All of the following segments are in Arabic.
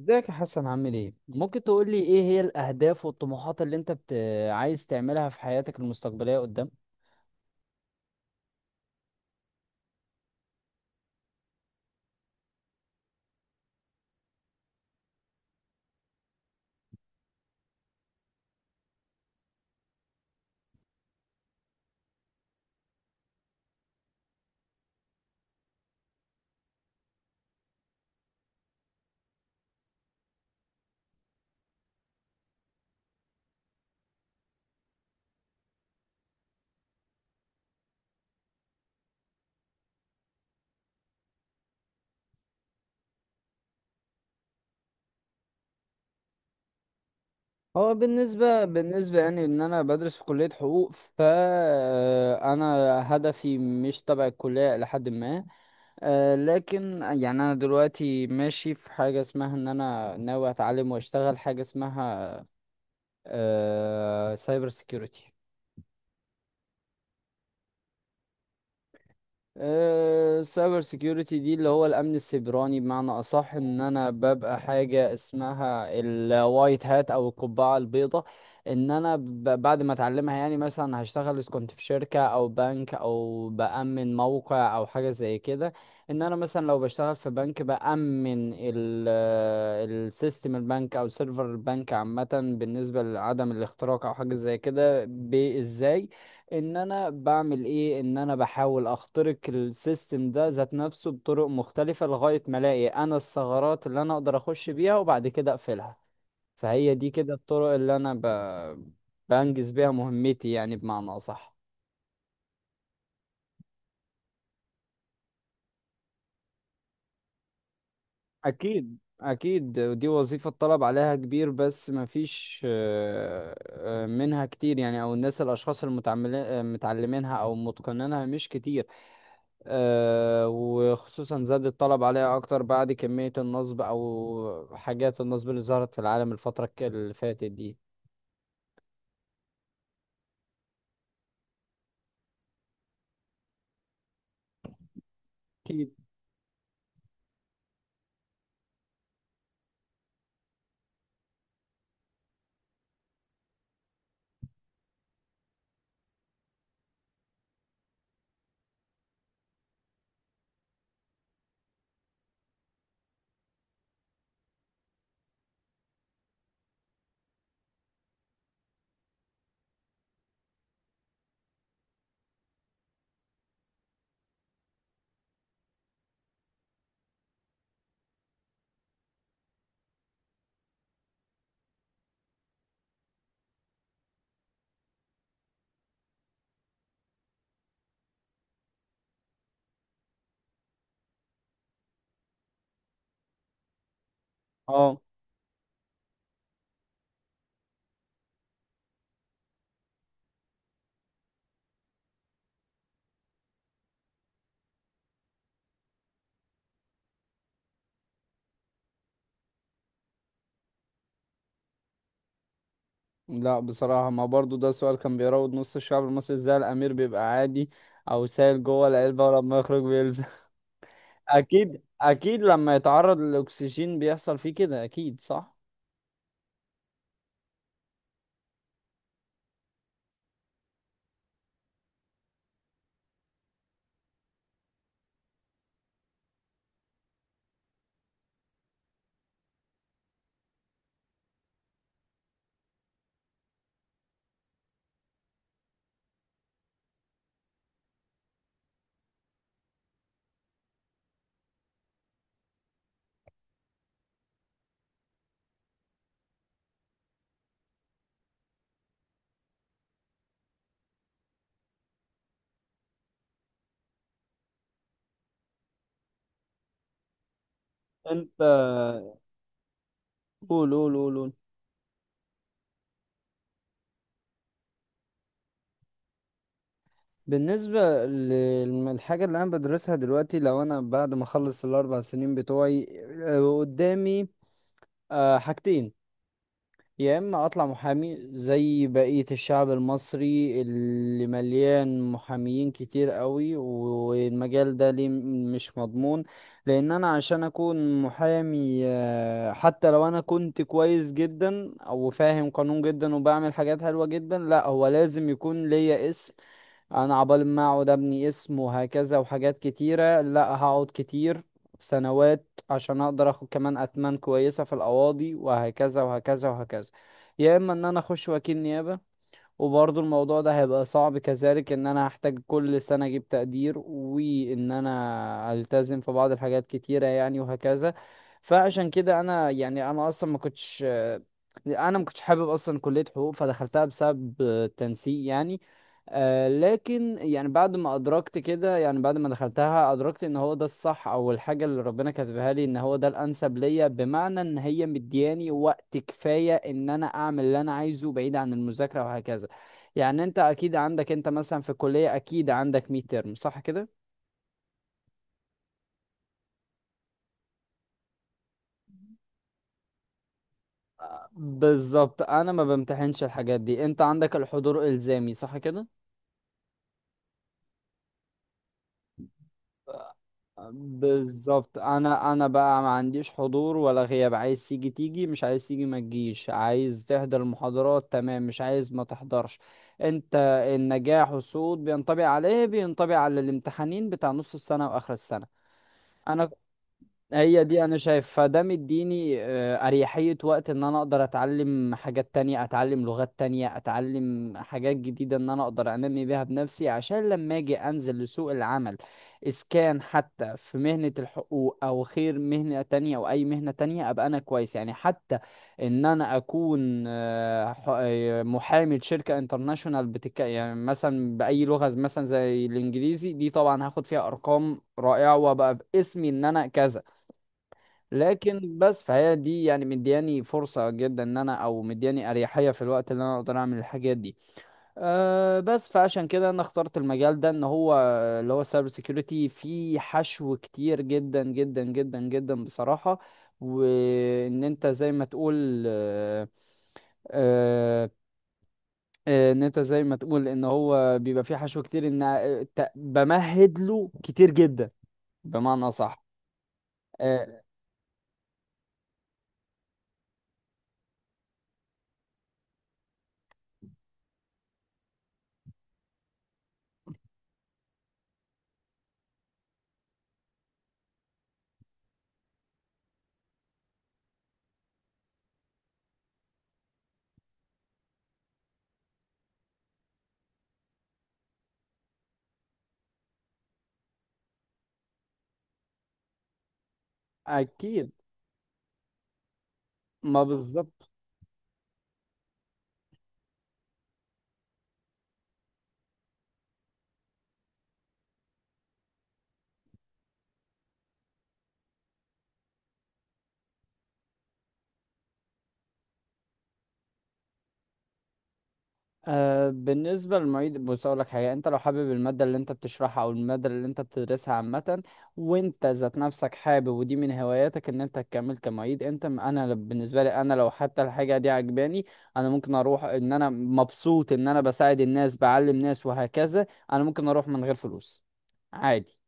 ازيك يا حسن، عامل ايه؟ ممكن تقول لي ايه هي الاهداف والطموحات اللي انت عايز تعملها في حياتك المستقبليه قدام؟ هو بالنسبه يعني ان انا بدرس في كليه حقوق، فانا هدفي مش تبع الكليه لحد ما. لكن يعني انا دلوقتي ماشي في حاجه اسمها ان انا ناوي اتعلم واشتغل حاجه اسمها سايبر سيكيورتي. السايبر سيكيورتي دي اللي هو الامن السيبراني بمعنى اصح، ان انا ببقى حاجه اسمها الوايت هات او القبعه البيضاء. ان انا بعد ما اتعلمها يعني مثلا هشتغل اذا كنت في شركه او بنك او بامن موقع او حاجه زي كده. ان انا مثلا لو بشتغل في بنك بامن السيستم البنك او سيرفر البنك عامه، بالنسبه لعدم الاختراق او حاجه زي كده، بازاي ان انا بعمل ايه؟ ان انا بحاول اخترق السيستم ده ذات نفسه بطرق مختلفة لغاية ما الاقي انا الثغرات اللي انا اقدر اخش بيها وبعد كده اقفلها. فهي دي كده الطرق اللي انا بنجز بيها مهمتي يعني، بمعنى اصح. اكيد اكيد، ودي وظيفة الطلب عليها كبير، بس مفيش منها كتير يعني، او الناس الاشخاص المتعملين متعلمينها او متقنينها مش كتير. وخصوصا زاد الطلب عليها أكتر بعد كمية النصب أو حاجات النصب اللي ظهرت في العالم الفترة اللي فاتت دي. أكيد. اه، لا بصراحة، ما برضو ده سؤال كان بيراود نص الشعب المصري، ازاي الأمير بيبقى عادي أو سايل جوه العلبة ولما يخرج بيلزق أكيد أكيد، لما يتعرض للأكسجين بيحصل فيه كده. أكيد صح؟ أنت، قول قول قول قول. بالنسبة للحاجة اللي أنا بدرسها دلوقتي، لو أنا بعد ما أخلص الـ4 سنين بتوعي قدامي حاجتين. يا إما أطلع محامي زي بقية الشعب المصري اللي مليان محاميين كتير قوي، والمجال ده ليه مش مضمون. لأن أنا عشان أكون محامي، حتى لو أنا كنت كويس جدا أو فاهم قانون جدا وبعمل حاجات حلوة جدا، لا هو لازم يكون ليا اسم. انا عبال ما اقعد ابني اسم وهكذا وحاجات كتيرة، لا، هقعد كتير سنوات عشان اقدر اخد كمان اتمان كويسة في القواضي وهكذا وهكذا وهكذا. يا اما ان انا اخش وكيل نيابة، وبرضو الموضوع ده هيبقى صعب كذلك، ان انا هحتاج كل سنة اجيب تقدير وان انا التزم في بعض الحاجات كتيرة يعني، وهكذا. فعشان كده انا يعني انا ما كنتش حابب اصلا كلية حقوق، فدخلتها بسبب تنسيق يعني. لكن يعني بعد ما ادركت كده، يعني بعد ما دخلتها ادركت ان هو ده الصح او الحاجة اللي ربنا كاتبها لي، ان هو ده الانسب ليا، بمعنى ان هي مدياني وقت كفاية ان انا اعمل اللي انا عايزه بعيد عن المذاكرة وهكذا. يعني انت اكيد عندك، انت مثلا في الكلية اكيد عندك ميد ترم، صح كده؟ بالظبط، انا ما بمتحنش الحاجات دي. انت عندك الحضور الزامي، صح كده؟ بالظبط، انا بقى ما عنديش حضور ولا غياب، عايز تيجي تيجي، مش عايز تيجي ما تجيش، عايز تحضر المحاضرات تمام، مش عايز ما تحضرش. انت، النجاح والصعود بينطبق على ايه؟ بينطبق على الامتحانين بتاع نص السنة واخر السنة. انا، هي دي انا شايف فده مديني اريحية وقت ان انا اقدر اتعلم حاجات تانية، اتعلم لغات تانية، اتعلم حاجات جديدة ان انا اقدر انمي بيها بنفسي عشان لما اجي انزل لسوق العمل. اذا كان حتى في مهنة الحقوق او خير مهنة تانية او اي مهنة تانية، ابقى انا كويس يعني، حتى ان انا اكون محامي شركة انترناشونال بتك، يعني مثلا باي لغة مثلا زي الانجليزي دي، طبعا هاخد فيها ارقام رائعة وابقى باسمي ان انا كذا. لكن بس فهي دي يعني مدياني فرصة جدا ان انا، او مدياني اريحية في الوقت اللي انا اقدر اعمل الحاجات دي. أه، بس فعشان كده انا اخترت المجال ده ان هو اللي هو سايبر سيكيورتي، فيه حشو كتير جدا جدا جدا جدا بصراحة. وان انت زي ما تقول أه أه آه، ان انت زي ما تقول ان هو بيبقى فيه حشو كتير، ان بمهد له كتير جدا، بمعنى صح. أه، اكيد، ما بالظبط. أه، بالنسبة للمعيد، بص أقول لك حاجة. أنت لو حابب المادة اللي أنت بتشرحها أو المادة اللي أنت بتدرسها عامة، وأنت ذات نفسك حابب ودي من هواياتك إن أنت تكمل كمعيد، أنت م- أنا ل- بالنسبة لي أنا لو حتى الحاجة دي عجباني، أنا ممكن أروح إن أنا مبسوط إن أنا بساعد الناس، بعلم ناس وهكذا. أنا ممكن أروح من غير فلوس عادي.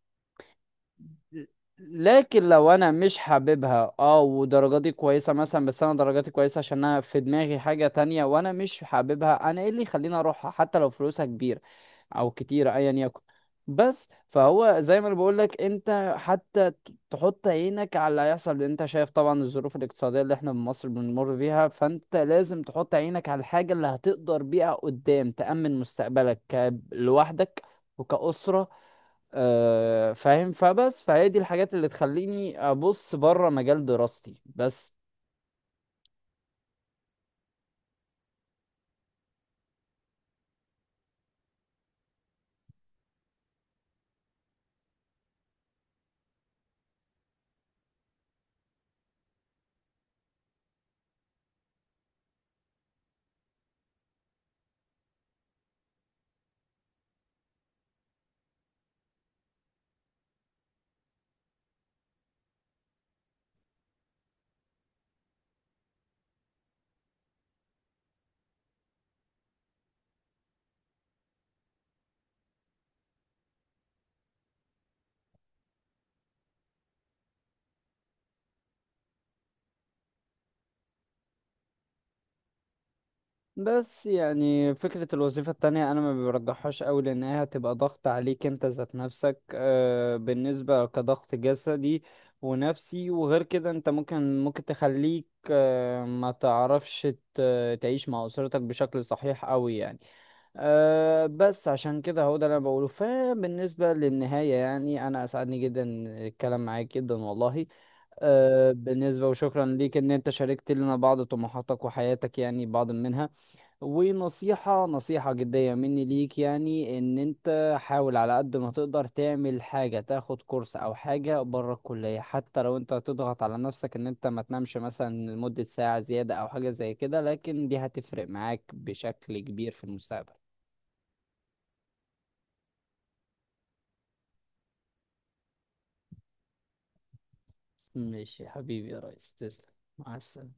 لكن لو انا مش حاببها، ودرجاتي كويسه مثلا، بس انا درجاتي كويسه عشان انا في دماغي حاجه تانية وانا مش حاببها، انا ايه اللي يخليني اروحها حتى لو فلوسها كبيره او كتيره ايا يكن. بس فهو زي ما انا بقول لك، انت حتى تحط عينك على اللي هيحصل، لان انت شايف طبعا الظروف الاقتصاديه اللي احنا في مصر بنمر بيها، فانت لازم تحط عينك على الحاجه اللي هتقدر بيها قدام تأمن مستقبلك لوحدك وكأسرة. فاهم، فبس فهي دي الحاجات اللي تخليني ابص بره مجال دراستي بس. بس يعني فكرة الوظيفة التانية أنا ما برجحهاش أوي، لأنها هتبقى ضغط عليك أنت ذات نفسك، بالنسبة كضغط جسدي ونفسي، وغير كده أنت ممكن تخليك ما تعرفش تعيش مع أسرتك بشكل صحيح أوي يعني. بس عشان كده هو ده اللي أنا بقوله. فبالنسبة للنهاية يعني، أنا أسعدني جدا الكلام معاك جدا والله. بالنسبة، وشكرا ليك ان انت شاركت لنا بعض طموحاتك وحياتك يعني، بعض منها. ونصيحة نصيحة جدية مني ليك يعني، ان انت حاول على قد ما تقدر تعمل حاجة، تاخد كورس او حاجة بره الكلية، حتى لو انت هتضغط على نفسك ان انت ما تنامش مثلا لمدة ساعة زيادة او حاجة زي كده، لكن دي هتفرق معاك بشكل كبير في المستقبل. ماشي يا حبيبي يا ريس، تسلم. مع السلامة.